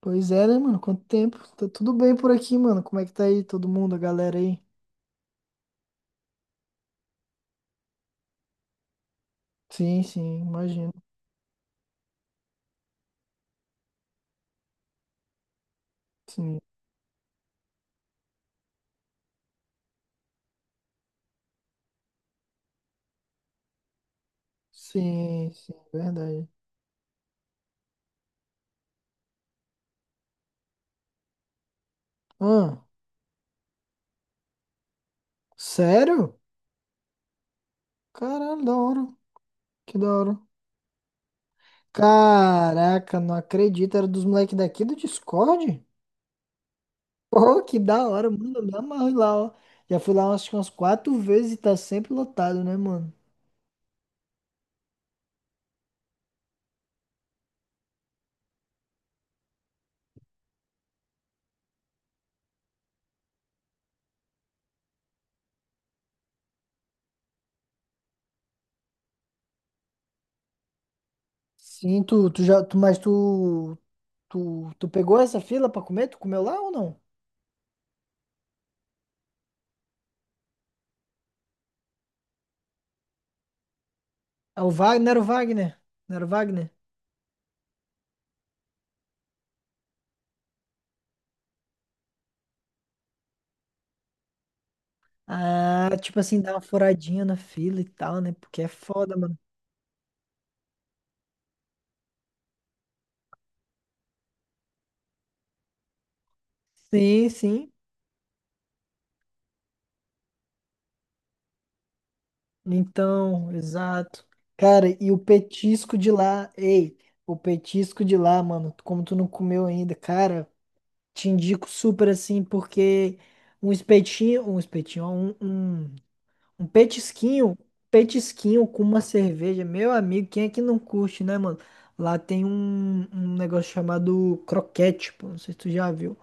Pois é, né, mano? Quanto tempo? Tá tudo bem por aqui, mano. Como é que tá aí todo mundo, a galera aí? Sim, sim, imagino. Sim, sim, sim, verdade. Ah, sério? Caralho, da hora. Que da hora. Caraca, não acredito. Era dos moleques daqui do Discord? Pô, que da hora, mano. Eu me amarro lá, ó. Já fui lá acho que umas 4 vezes e tá sempre lotado, né, mano? Sim, tu, tu já, tu, mas tu, tu, tu pegou essa fila pra comer? Tu comeu lá ou não? É o Wagner, não era o Wagner? Não era o Wagner? Ah, tipo assim, dá uma furadinha na fila e tal, né? Porque é foda, mano. Sim, sim. Então, exato. Cara, e o petisco de lá, ei, o petisco de lá, mano, como tu não comeu ainda, cara, te indico super assim, porque um espetinho, ó, um, um Um petisquinho com uma cerveja. Meu amigo, quem é que não curte, né, mano? Lá tem um negócio chamado croquete, pô. Não sei se tu já viu.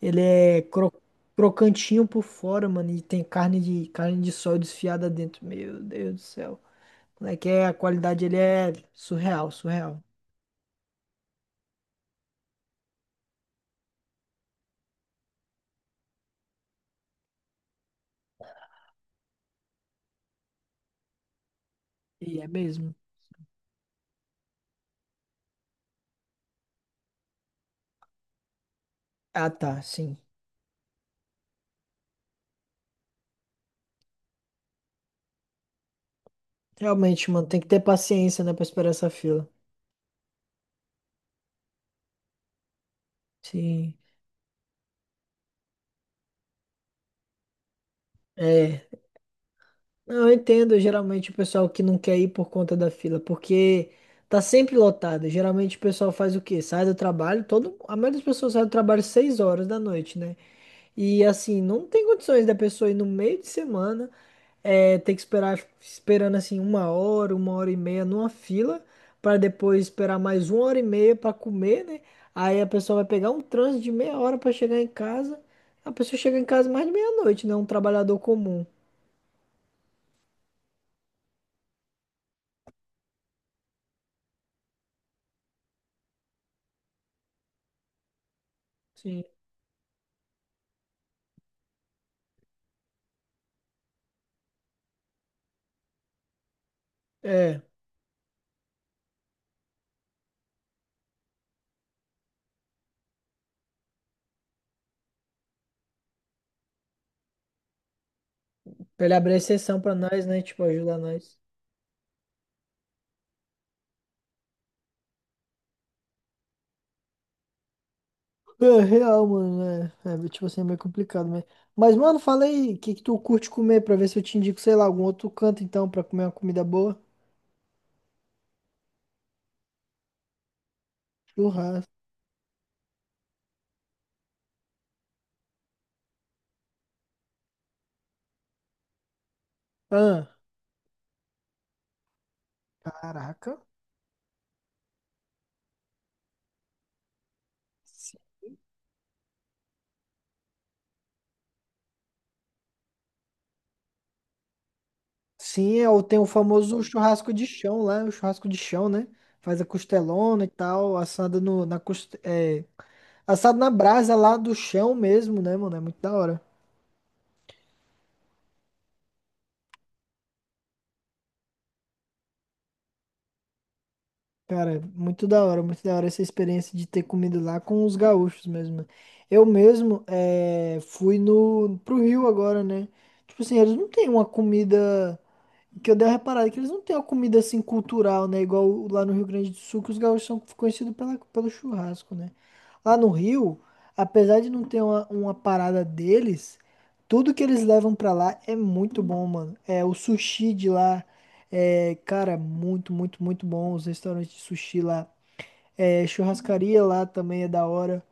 Ele é crocantinho por fora, mano. E tem carne de sol desfiada dentro. Meu Deus do céu. Como é que é? A qualidade, ele é surreal, surreal. E é mesmo. Ah, tá, sim. Realmente, mano, tem que ter paciência, né, pra esperar essa fila. Sim. É. Não, eu entendo geralmente o pessoal que não quer ir por conta da fila, porque tá sempre lotado. Geralmente o pessoal faz o quê? Sai do trabalho, todo, a maioria das pessoas sai do trabalho 6 horas da noite, né? E assim, não tem condições da pessoa ir no meio de semana, é, ter que esperar, esperando assim uma hora e meia numa fila, para depois esperar mais uma hora e meia para comer, né? Aí a pessoa vai pegar um trânsito de meia hora para chegar em casa. A pessoa chega em casa mais de meia-noite, né? Um trabalhador comum. Sim. É. Pra ele abrir exceção pra nós, né? Tipo, ajudar nós. É, real, mano, né? Tipo assim, é meio complicado, né? Mas, mano, fala aí, o que que tu curte comer pra ver se eu te indico, sei lá, algum outro canto, então, pra comer uma comida boa? Churrasco. Ah, caraca. Sim, é, o- tem o famoso churrasco de chão lá, o churrasco de chão, né? Faz a costelona e tal, assada no, na, coste- é, assado na brasa lá do chão mesmo, né, mano? É muito da hora. Cara, muito da hora essa experiência de ter comido lá com os gaúchos mesmo. Eu mesmo fui no, pro Rio agora, né? Tipo assim, eles não têm uma comida que eu dei uma reparada é que eles não têm uma comida assim cultural, né? Igual lá no Rio Grande do Sul, que os gaúchos são conhecidos pelo churrasco, né? Lá no Rio, apesar de não ter uma parada deles, tudo que eles levam pra lá é muito bom, mano. É o sushi de lá, é, cara, muito, muito, muito bom. Os restaurantes de sushi lá, é, churrascaria lá também é da hora.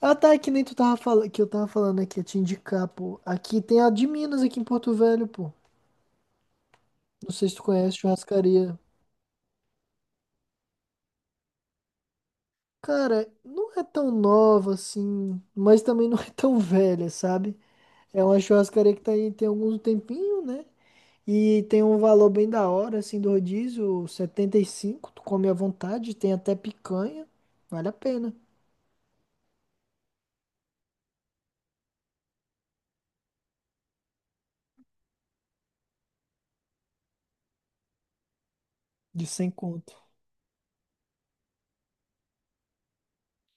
Ah, tá, é que nem tu tava falando, que eu tava falando aqui, eu te indicar, pô. Aqui tem a de Minas, aqui em Porto Velho, pô. Não sei se tu conhece churrascaria. Cara, não é tão nova assim, mas também não é tão velha, sabe? É uma churrascaria que tá aí tem algum tempinho, né? E tem um valor bem da hora, assim, do rodízio, 75. Tu come à vontade, tem até picanha, vale a pena, de 100 conto.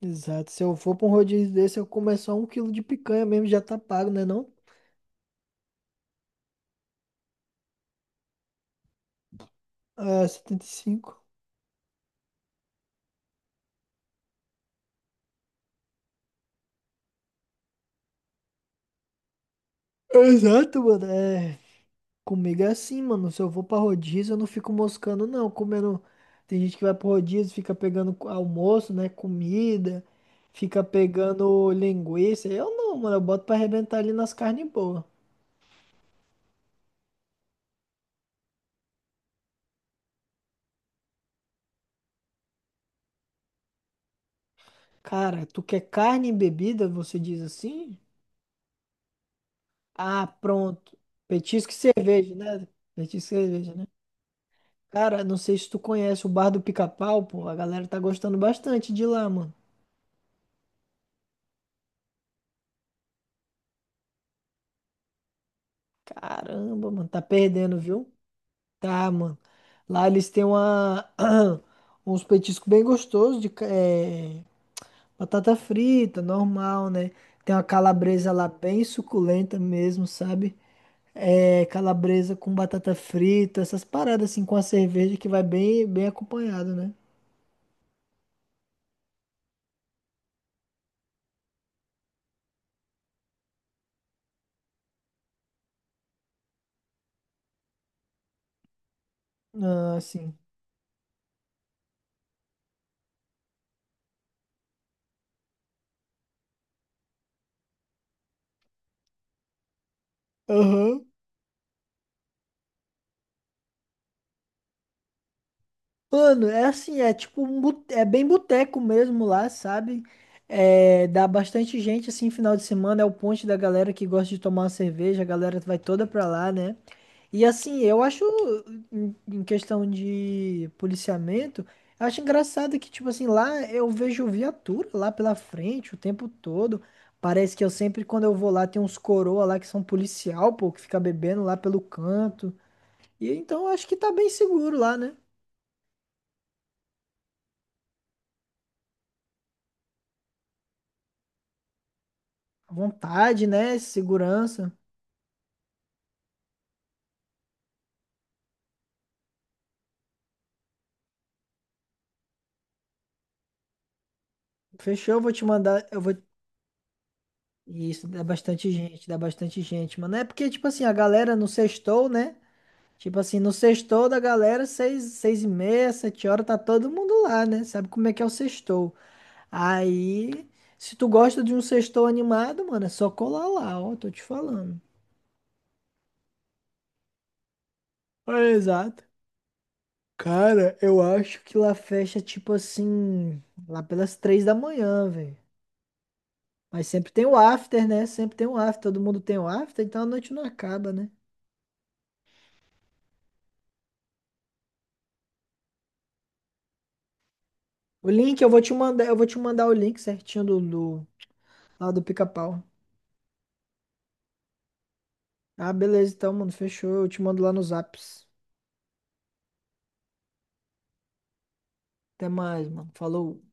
Exato, se eu for pra um rodízio desse, eu comer só um quilo de picanha mesmo, já tá pago, né não? É, 75. Exato, mano, é, comigo é assim, mano. Se eu vou pra rodízio, eu não fico moscando, não. Comendo. Tem gente que vai pro rodízio, fica almoço, né? Comida, fica pegando linguiça. Eu não, mano. Eu boto pra arrebentar ali nas carnes boas. Cara, tu quer carne e bebida? Você diz assim? Ah, pronto. Petisco e cerveja, né? Petisco e cerveja, né? Cara, não sei se tu conhece o Bar do Pica-Pau, pô. A galera tá gostando bastante de lá, mano. Caramba, mano. Tá perdendo, viu? Tá, mano. Lá eles têm uma, uns petiscos bem gostosos de batata frita, normal, né? Tem uma calabresa lá bem suculenta mesmo, sabe? É, calabresa com batata frita, essas paradas assim com a cerveja que vai bem, bem acompanhado, né? Ah, sim. Aham. Mano, é assim, é bem boteco mesmo lá, sabe? É, dá bastante gente assim, final de semana é o ponte da galera que gosta de tomar uma cerveja, a galera vai toda pra lá, né? E assim, eu acho em questão de policiamento, eu acho engraçado que tipo assim, lá eu vejo viatura lá pela frente o tempo todo. Parece que eu sempre quando eu vou lá tem uns coroa lá que são policial, pô, que fica bebendo lá pelo canto. E então eu acho que tá bem seguro lá, né? Vontade, né? Segurança. Fechou, eu vou te mandar. Eu vou. Isso, dá bastante gente, mano. É porque, tipo assim, a galera no sextou, né? Tipo assim, no sextou da galera, 6h30, 7 horas, tá todo mundo lá, né? Sabe como é que é o sextou. Aí, se tu gosta de um sextou animado, mano, é só colar lá, ó, tô te falando. É, exato. Cara, eu acho que lá fecha, tipo assim, lá pelas 3 da manhã, velho. Mas sempre tem o after, né? Sempre tem o after, todo mundo tem o after, então a noite não acaba, né? O link eu vou te mandar, eu vou te mandar o link certinho do lá do Pica-Pau. Ah, beleza, então, mano, fechou. Eu te mando lá nos apps. Até mais, mano. Falou.